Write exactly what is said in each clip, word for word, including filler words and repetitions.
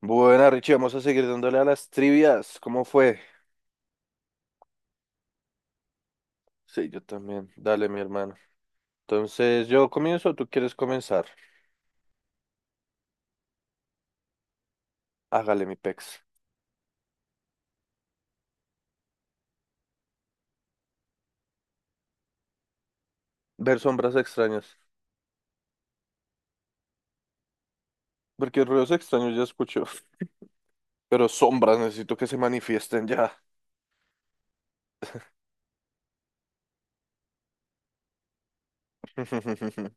Buena, Richie, vamos a seguir dándole a las trivias. ¿Cómo fue? Sí, yo también. Dale, mi hermano. Entonces, ¿yo comienzo o tú quieres comenzar? Hágale, mi pex. Ver sombras extrañas. Porque ruidos extraños ya escucho. Pero sombras necesito que se manifiesten ya.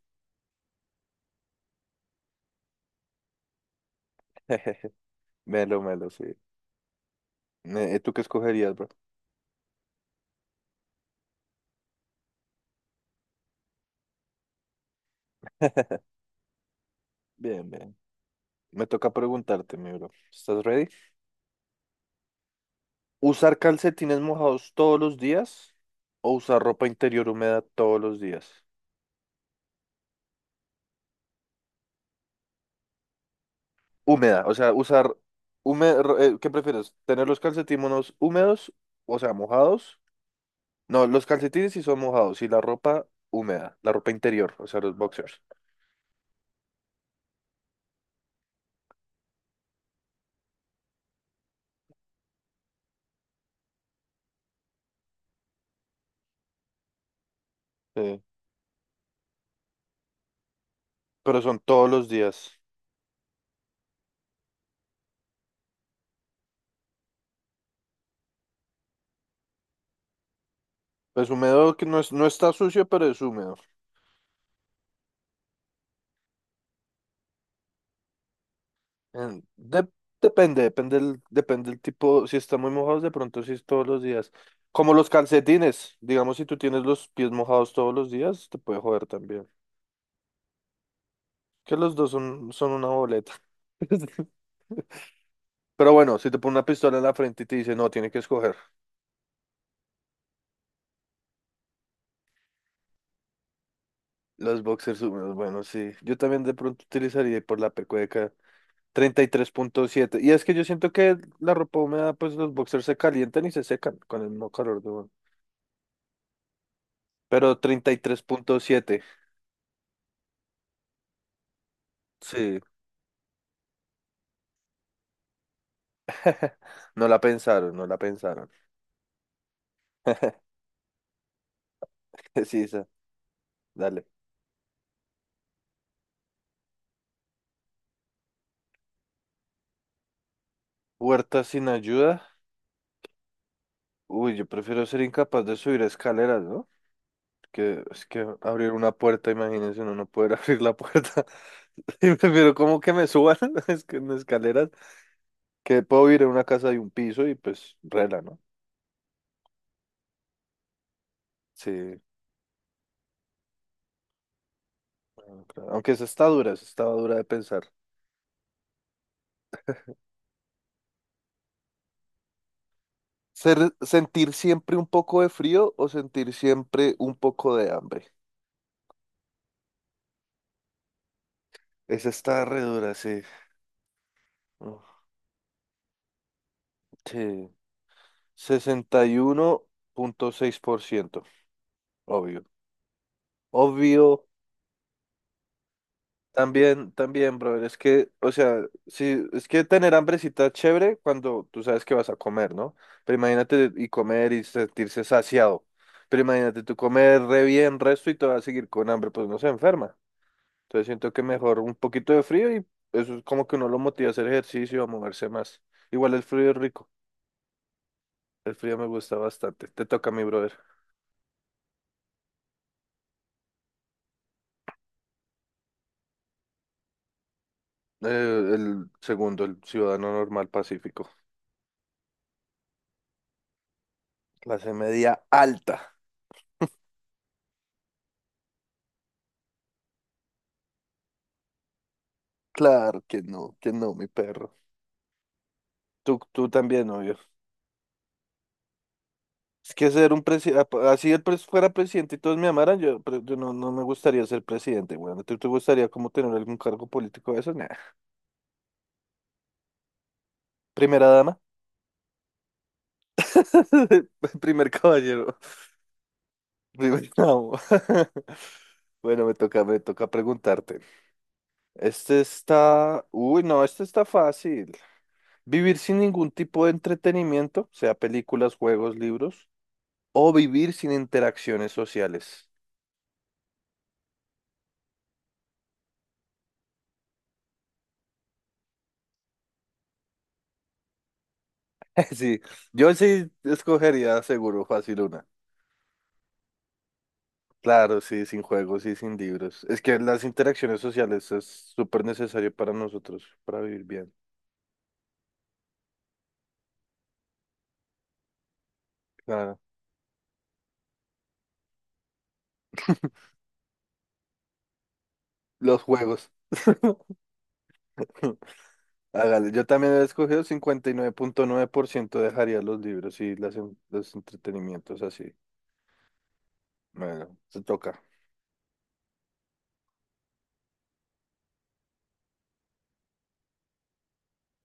Melo, melo, sí. Eh, ¿Tú qué escogerías, bro? Bien, bien. Me toca preguntarte, mi bro. ¿Estás ready? ¿Usar calcetines mojados todos los días o usar ropa interior húmeda todos los días? Húmeda, o sea, usar húme- ro- eh, ¿qué prefieres? ¿Tener los calcetines húmedos, o sea, mojados? No, los calcetines sí son mojados y la ropa húmeda, la ropa interior, o sea, los boxers. Sí, pero son todos los días. Pues húmedo que no es, no está sucio, pero es húmedo. En- de- depende, depende el, depende el tipo, si está muy mojado de pronto sí es todos los días. Como los calcetines, digamos, si tú tienes los pies mojados todos los días, te puede joder también. Que los dos son, son una boleta. Pero bueno, si te pone una pistola en la frente y te dice, no, tiene que escoger los boxers húmedos. Bueno, sí, yo también de pronto utilizaría por la pecueca treinta Y tres punto siete, y es que yo siento que la ropa húmeda, pues los boxers se calientan y se secan con el mismo calor de uno. Pero treinta y tres punto siete sí. No la pensaron, no la pensaron. Sí, esa, dale. Huerta sin ayuda. Uy, yo prefiero ser incapaz de subir escaleras, ¿no? Que es que abrir una puerta, imagínense, uno no poder abrir la puerta. Pero como que me suban es que en escaleras, que puedo ir a una casa de un piso y pues rela, ¿no? Sí, bueno, claro. Aunque esa está dura, esa estaba dura de pensar. Ser, sentir siempre un poco de frío o sentir siempre un poco de hambre. Esa está re dura, sí. Uf, sí, sesenta y uno punto seis por ciento, obvio. Obvio, también, también, brother, es que, o sea, sí, es que tener hambrecita es chévere cuando tú sabes que vas a comer, ¿no? Pero imagínate y comer y sentirse saciado. Pero imagínate tú comer re bien resto y te vas a seguir con hambre, pues no se enferma. Entonces siento que mejor un poquito de frío, y eso es como que uno lo motiva a hacer ejercicio, a moverse más. Igual el frío es rico, el frío me gusta bastante. Te toca a mi brother. Eh, el segundo, el ciudadano normal pacífico. Clase media alta. Claro que no, que no, mi perro. Tú, tú también, obvio. Es que ser un presidente, así el pres- fuera presidente y todos me amaran, yo, pre- yo no, no me gustaría ser presidente, weón. ¿Tú te gustaría como tener algún cargo político de esos? Nah. Primera dama. Primer caballero. Primer damo. Bueno, me toca, me toca preguntarte. Este está. Uy, no, este está fácil. Vivir sin ningún tipo de entretenimiento, sea películas, juegos, libros, o vivir sin interacciones sociales. Sí, yo sí escogería seguro fácil una. Claro, sí, sin juegos y sin libros. Es que las interacciones sociales es súper necesario para nosotros, para vivir bien. Claro. Los juegos. Hágale. Yo también he escogido cincuenta y nueve nueve punto nueve por ciento, dejaría los libros y las, en- los entretenimientos así. Bueno, se toca.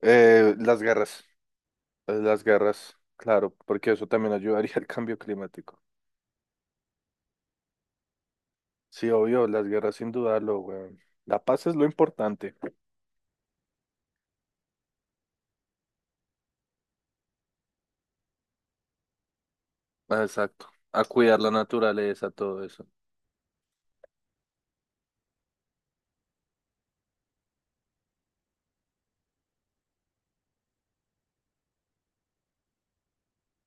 Eh, las garras. Eh, las garras, claro, porque eso también ayudaría al cambio climático. Sí, obvio, las guerras sin dudarlo, weón. La paz es lo importante. Ah, exacto. A cuidar la naturaleza, todo eso.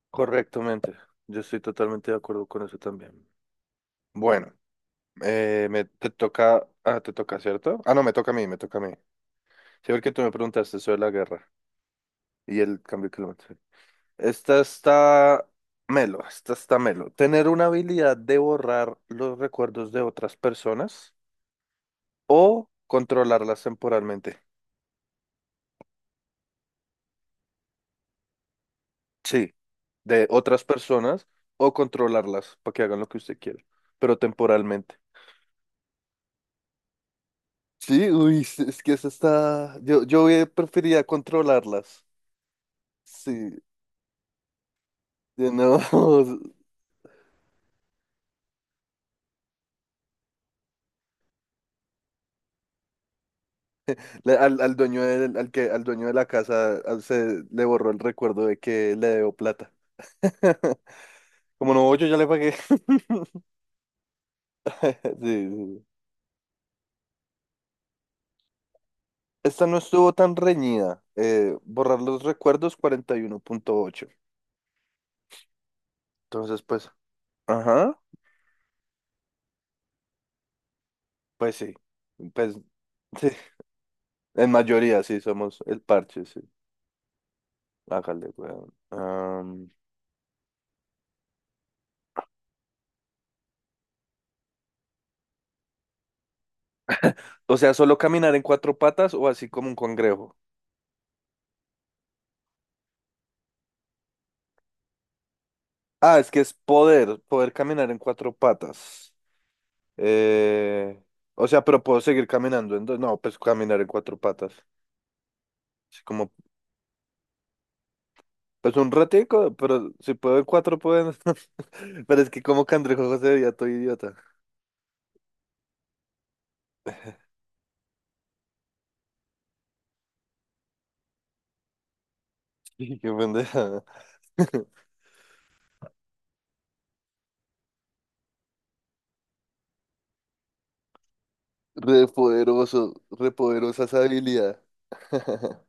Correctamente. Yo estoy totalmente de acuerdo con eso también. Bueno, eh, me te toca, ah, te toca, ¿cierto? Ah, no, me toca a mí, me toca a mí. Sí, porque tú me preguntaste sobre la guerra y el cambio climático. Esta está melo, esta está melo. Tener una habilidad de borrar los recuerdos de otras personas o controlarlas temporalmente. Sí, de otras personas o controlarlas para que hagan lo que usted quiera, pero temporalmente. Sí, uy, es es que eso está. Yo, yo hubiera- preferiría controlarlas. Sí, de no. le- Al, al dueño del- al que, al dueño de la casa al- se le borró el recuerdo de que le debo plata. Como no, yo ya le pagué. Sí, sí. Esta no estuvo tan reñida. Eh, borrar los recuerdos cuarenta y uno punto ocho. Entonces, pues, ajá, pues sí. Pues sí, en mayoría sí somos el parche, sí. Hágale, weón. O sea, solo caminar en cuatro patas o así como un congrejo. Ah, es que es poder, poder caminar en cuatro patas. Eh, o sea, pero puedo seguir caminando en dos. No, pues caminar en cuatro patas. Así como, pues un ratico, pero si puedo en cuatro, puedo en- Pero es que como cangrejo José veía todo idiota. Sí, qué pendeja. Re poderoso, re poderosa esa habilidad.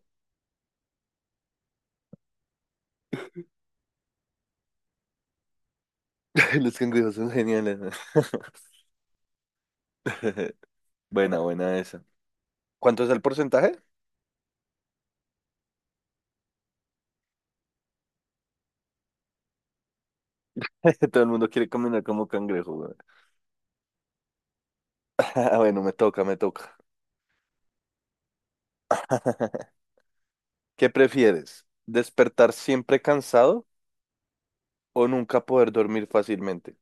Los cangrejos son geniales, ¿no? Buena, buena esa. ¿Cuánto es el porcentaje? Que todo el mundo quiere caminar como cangrejo, güey. Ah, bueno, me toca, me toca. ¿Qué prefieres? ¿Despertar siempre cansado o nunca poder dormir fácilmente?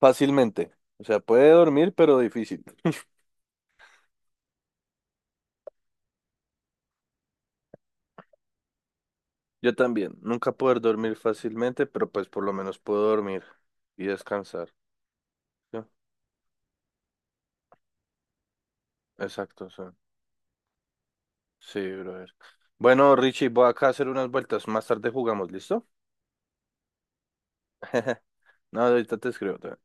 Fácilmente. O sea, puede dormir, pero difícil. Yo también. Nunca poder dormir fácilmente, pero pues por lo menos puedo dormir y descansar. ¿No? Exacto, sí. Sí, brother. Bueno, Richie, voy acá a hacer unas vueltas. Más tarde jugamos, ¿listo? No, ahorita te escribo.